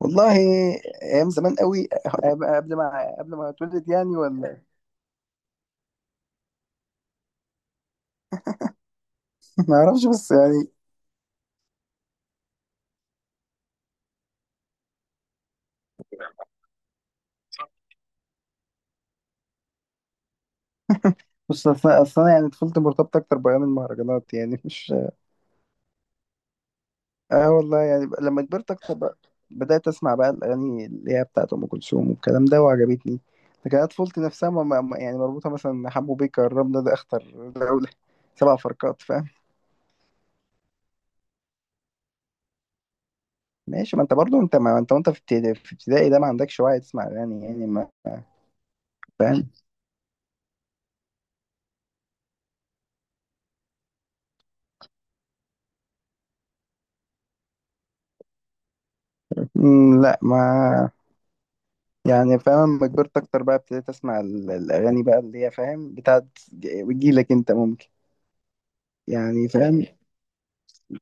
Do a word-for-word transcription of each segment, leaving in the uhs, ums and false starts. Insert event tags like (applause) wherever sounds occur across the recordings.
والله، ايام زمان قوي. قبل ما قبل ما اتولد يعني، ولا (laughs) ما اعرفش، بس يعني. بص، اصلا اصلا يعني طفولتي مرتبطه اكتر بايام المهرجانات يعني، مش... اه والله. يعني بقى لما كبرت اكتر بقى بدات اسمع بقى الاغاني اللي هي بتاعت ام كلثوم والكلام ده، وعجبتني. لكن أنا طفولتي نفسها ما ما- ما- يعني مربوطه مثلا حمو بيكا، الرمله ده اخطر دوله، سبع فرقات، فاهم. ماشي، ما انت برضو، انت ما انت وانت في ابتدائي في ابتدائي ده ما عندكش وعي تسمع اغاني يعني، ما فاهم. مم، لا ما يعني فاهم، لما كبرت اكتر بقى ابتديت اسمع ال- الاغاني بقى اللي هي فاهم بتاعت، ج- بتجيلك انت ممكن، يعني فاهم.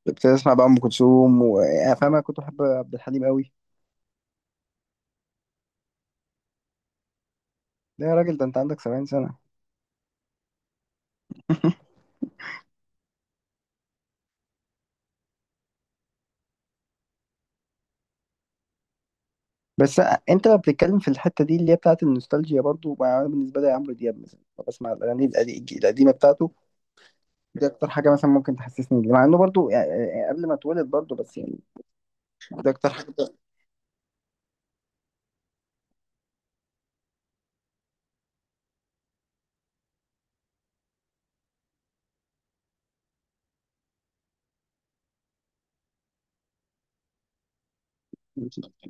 ابتديت اسمع بقى ام كلثوم، ويعني فاهم انا كنت بحب عبد الحليم قوي. لا يا راجل، ده انت عندك سبعين سنه. (laughs) بس انت لما بتتكلم في الحته دي اللي هي بتاعت النوستالجيا برضو، ما انا بالنسبه لي عمرو دياب مثلا بسمع الاغاني القدي- القديمه بتاعته، دي اكتر حاجه مثلا ممكن تحسسني بيه. مع انه برضو يعني، يعني قبل ما اتولد برضو، بس يعني دي اكتر حاجه.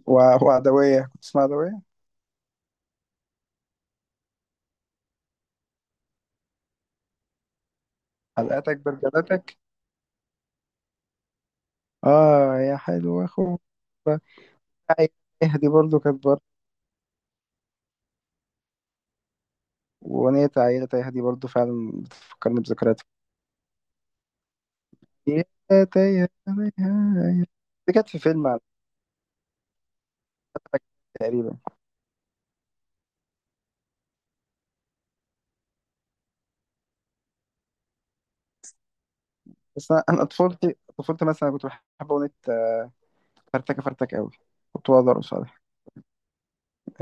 و- وعدويه، كنت تسمع عدويه؟ حلقاتك برجلاتك. اه يا حلو اخو، يهدي برضو كانت برضه. واغنية عيلة تيهدي برضو فعلا بتفكرني بذكريات. يا تيهدي، دي كانت في فيلم على فكرة تقريبا. بس انا، أنا طفولتي طفولتي مثلا كنت بحب اغنية فرتكة فرتكة قوي. كنت بقدر صالح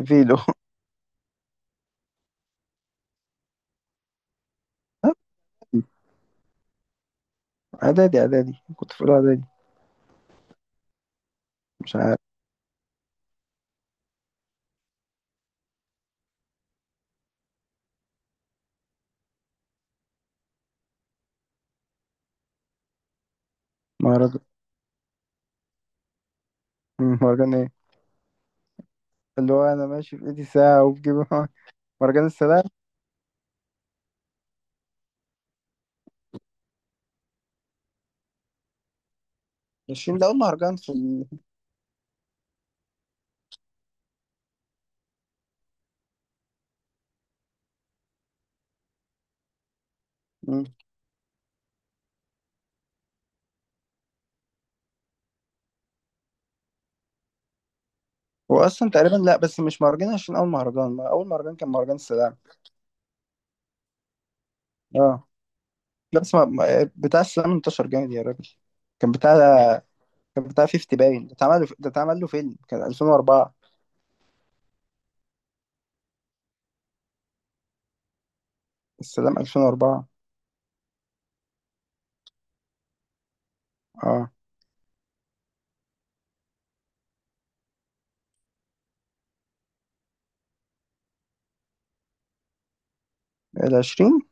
فيلو. (laughs) اعدادي، اعدادي كنت في اولى اعدادي. مش عارف. مهرجان. مم، مهرجان ايه؟ اللي هو، انا ماشي في ايدي ساعة وبجيب. (laughs) مهرجان السلام عشرين، ده اول مهرجان في ال... مم. هو اصلا تقريبا، لا بس مش مهرجان، عشان اول مهرجان، ما اول مهرجان كان مهرجان السلام. اه. لا بس، ما ما- بتاع السلام انتشر جامد يا راجل. كان بتاع كان بتاع خمسين باين، ده اتعمل له- ده اتعمل له فيلم، كان ألفين وأربعة. السلام ألفين وأربعة. اه، ال عشرين.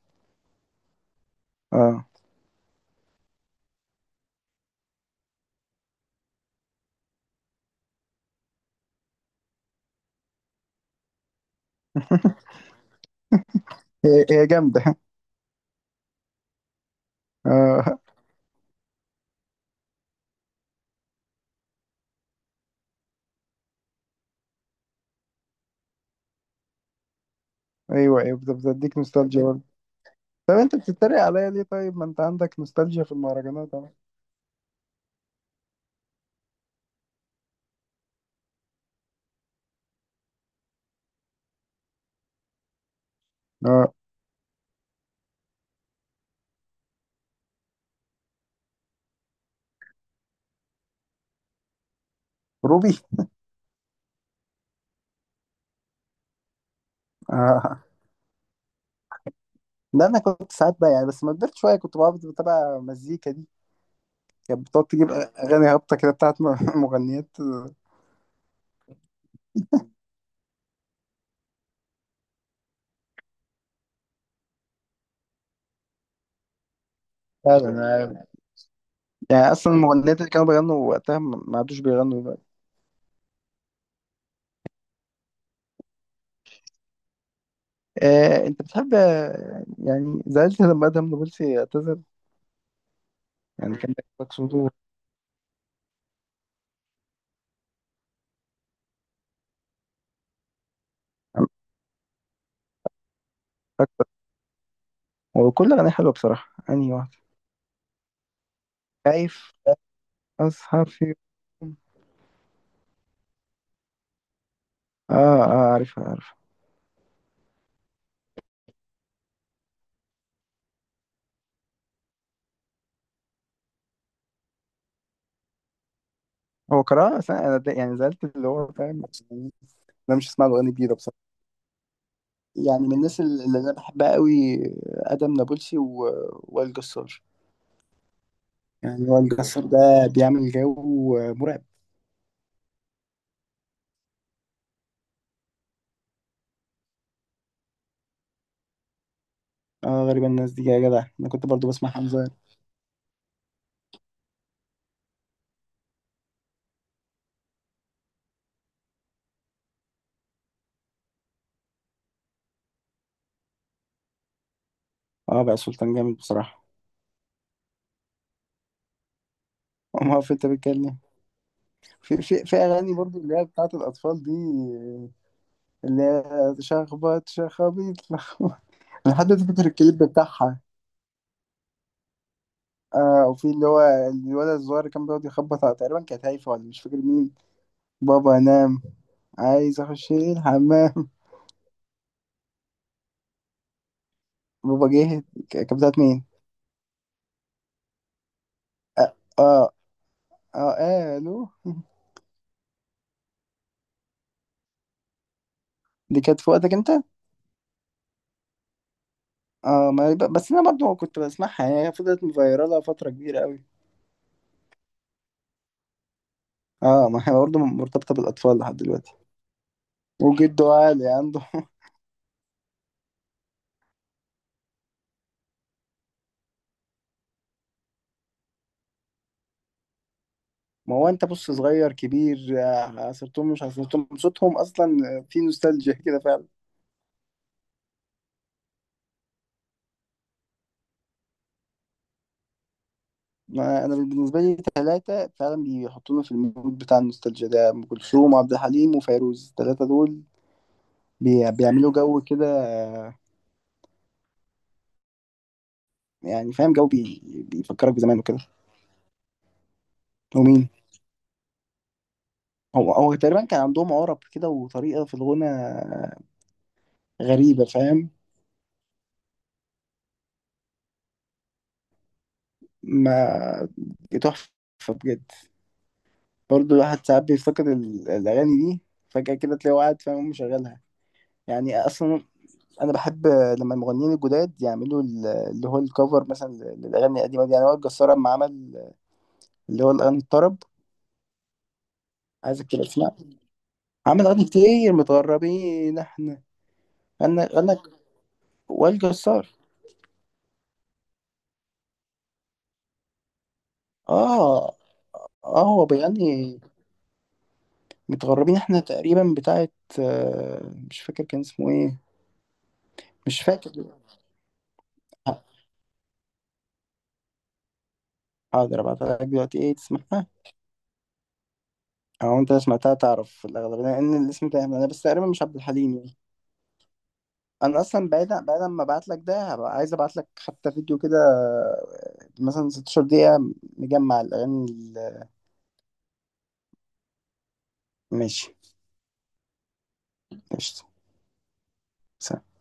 اه، هي هي جامده. (laughs) اه. ايوه، ايوه، بت- بتديك نوستالجيا برضه. طب انت بتتريق عليا ليه؟ طيب ما انت عندك نوستالجيا في المهرجانات اهو. اه، روبي. (laughs) اه لا، انا كنت ساعات بقى يعني، بس ما كبرت شويه كنت بقعد بتابع مزيكا دي، كانت بتقعد تجيب أغاني هابطة كده بتاعت م- (laughs) مغنيات. فعلا أنا- يعني أصلا المغنيات اللي كانوا بيغنوا وقتها ما ما عادوش بيغنوا دلوقتي. آه، أنت بتحب، آه، يعني زعلت لما أدهم نابلسي اعتزل؟ يعني كان لك صوته أكتر، وكل أغنية حلوة بصراحة، أنهي واحدة. خايف أسهر في يوم. آه، آه، عارفها عارفها. هو قراءة أصلا، أنا ده- يعني زعلت اللي هو فاهم، أنا مش هسمع الأغاني الجديدة بصراحة. يعني من الناس اللي أنا بحبها قوي، آدم نابلسي ووائل جسار. يعني هو الجسار ده بيعمل جو مرعب. اه، غريبة الناس دي يا جدع، انا كنت برضو بسمع حمزة. اه، بقى سلطان جامد بصراحة. (laughs) أما هو في انت بتتكلم، في في في اغاني برضو اللي هي بتاعت الاطفال دي، اللي هي شخبط شخابيط لخبط. (laughs) انا لحد دلوقتي فاكر الكليب بتاعها. آه، وفي اللي هو الولد الصغير اللي كان بيقعد يخبط على- تقريبا كانت هايفة، ولا مش فاكر مين. بابا نام، عايز اخش الحمام. بابا جه، ك- كانت بتاعت مين؟ اه. اه, آه، الو. (laughs) دي كانت في وقتك انت. اه، ما يبقى- بس انا برضو كنت بسمعها، يعني هي فضلت مفيرالة فترة كبيرة قوي. اه، ما هي برضو مرتبطة بالاطفال لحد دلوقتي. وجده عالي عنده. (laughs) ما هو انت بص، صغير كبير، آه، عصرتهم، مش عصرتهم، صوتهم اصلا في نوستالجيا (laughs) كده فعلا. ما انا بالنسبة لي ثلاثة فعلا بيحطونا في المود بتاع النوستالجيا ده، ام كلثوم وعبد الحليم وفيروز، الثلاثة دول بي- بيعملوا جو كده، آه، يعني فاهم جو بي... بيفكرك بزمان وكده. ومين؟ هو هو تقريبا كان عندهم عرب كده، وطريقة في الغنى غريبة، فاهم. ما، تحفة بجد. برضه الواحد ساعات بيفتقد ال- الأغاني دي، فجأة كده تلاقيه قاعد فاهم مشغلها. يعني أصلا أنا بحب لما المغنيين الجداد يعملوا ال- اللي هو الكفر مثلا للأغاني القديمة دي، يعني وائل جسار لما عمل اللي هو الأغاني الطرب، عايزك كده اسمع. عمل أغاني كتير، متغربين احنا. غنى غنى وائل جسار. اه، اه، هو بيغني متغربين احنا تقريبا، بتاعت آه، مش فاكر كان اسمه ايه. مش فاكر. حاضر ابعتها لك دلوقتي ايه تسمعها. او انت سمعتها تعرف في الاغلب، لان الاسم ده انا بس تقريبا مش عبد الحليم يعني. انا اصلا بعيد، بعد ما ابعت لك ده هبقى عايز ابعت لك حتى فيديو كده آه، مثلا ستاشر دقيقة مجمع الاغاني ال- ماشي، قشطة. سلام.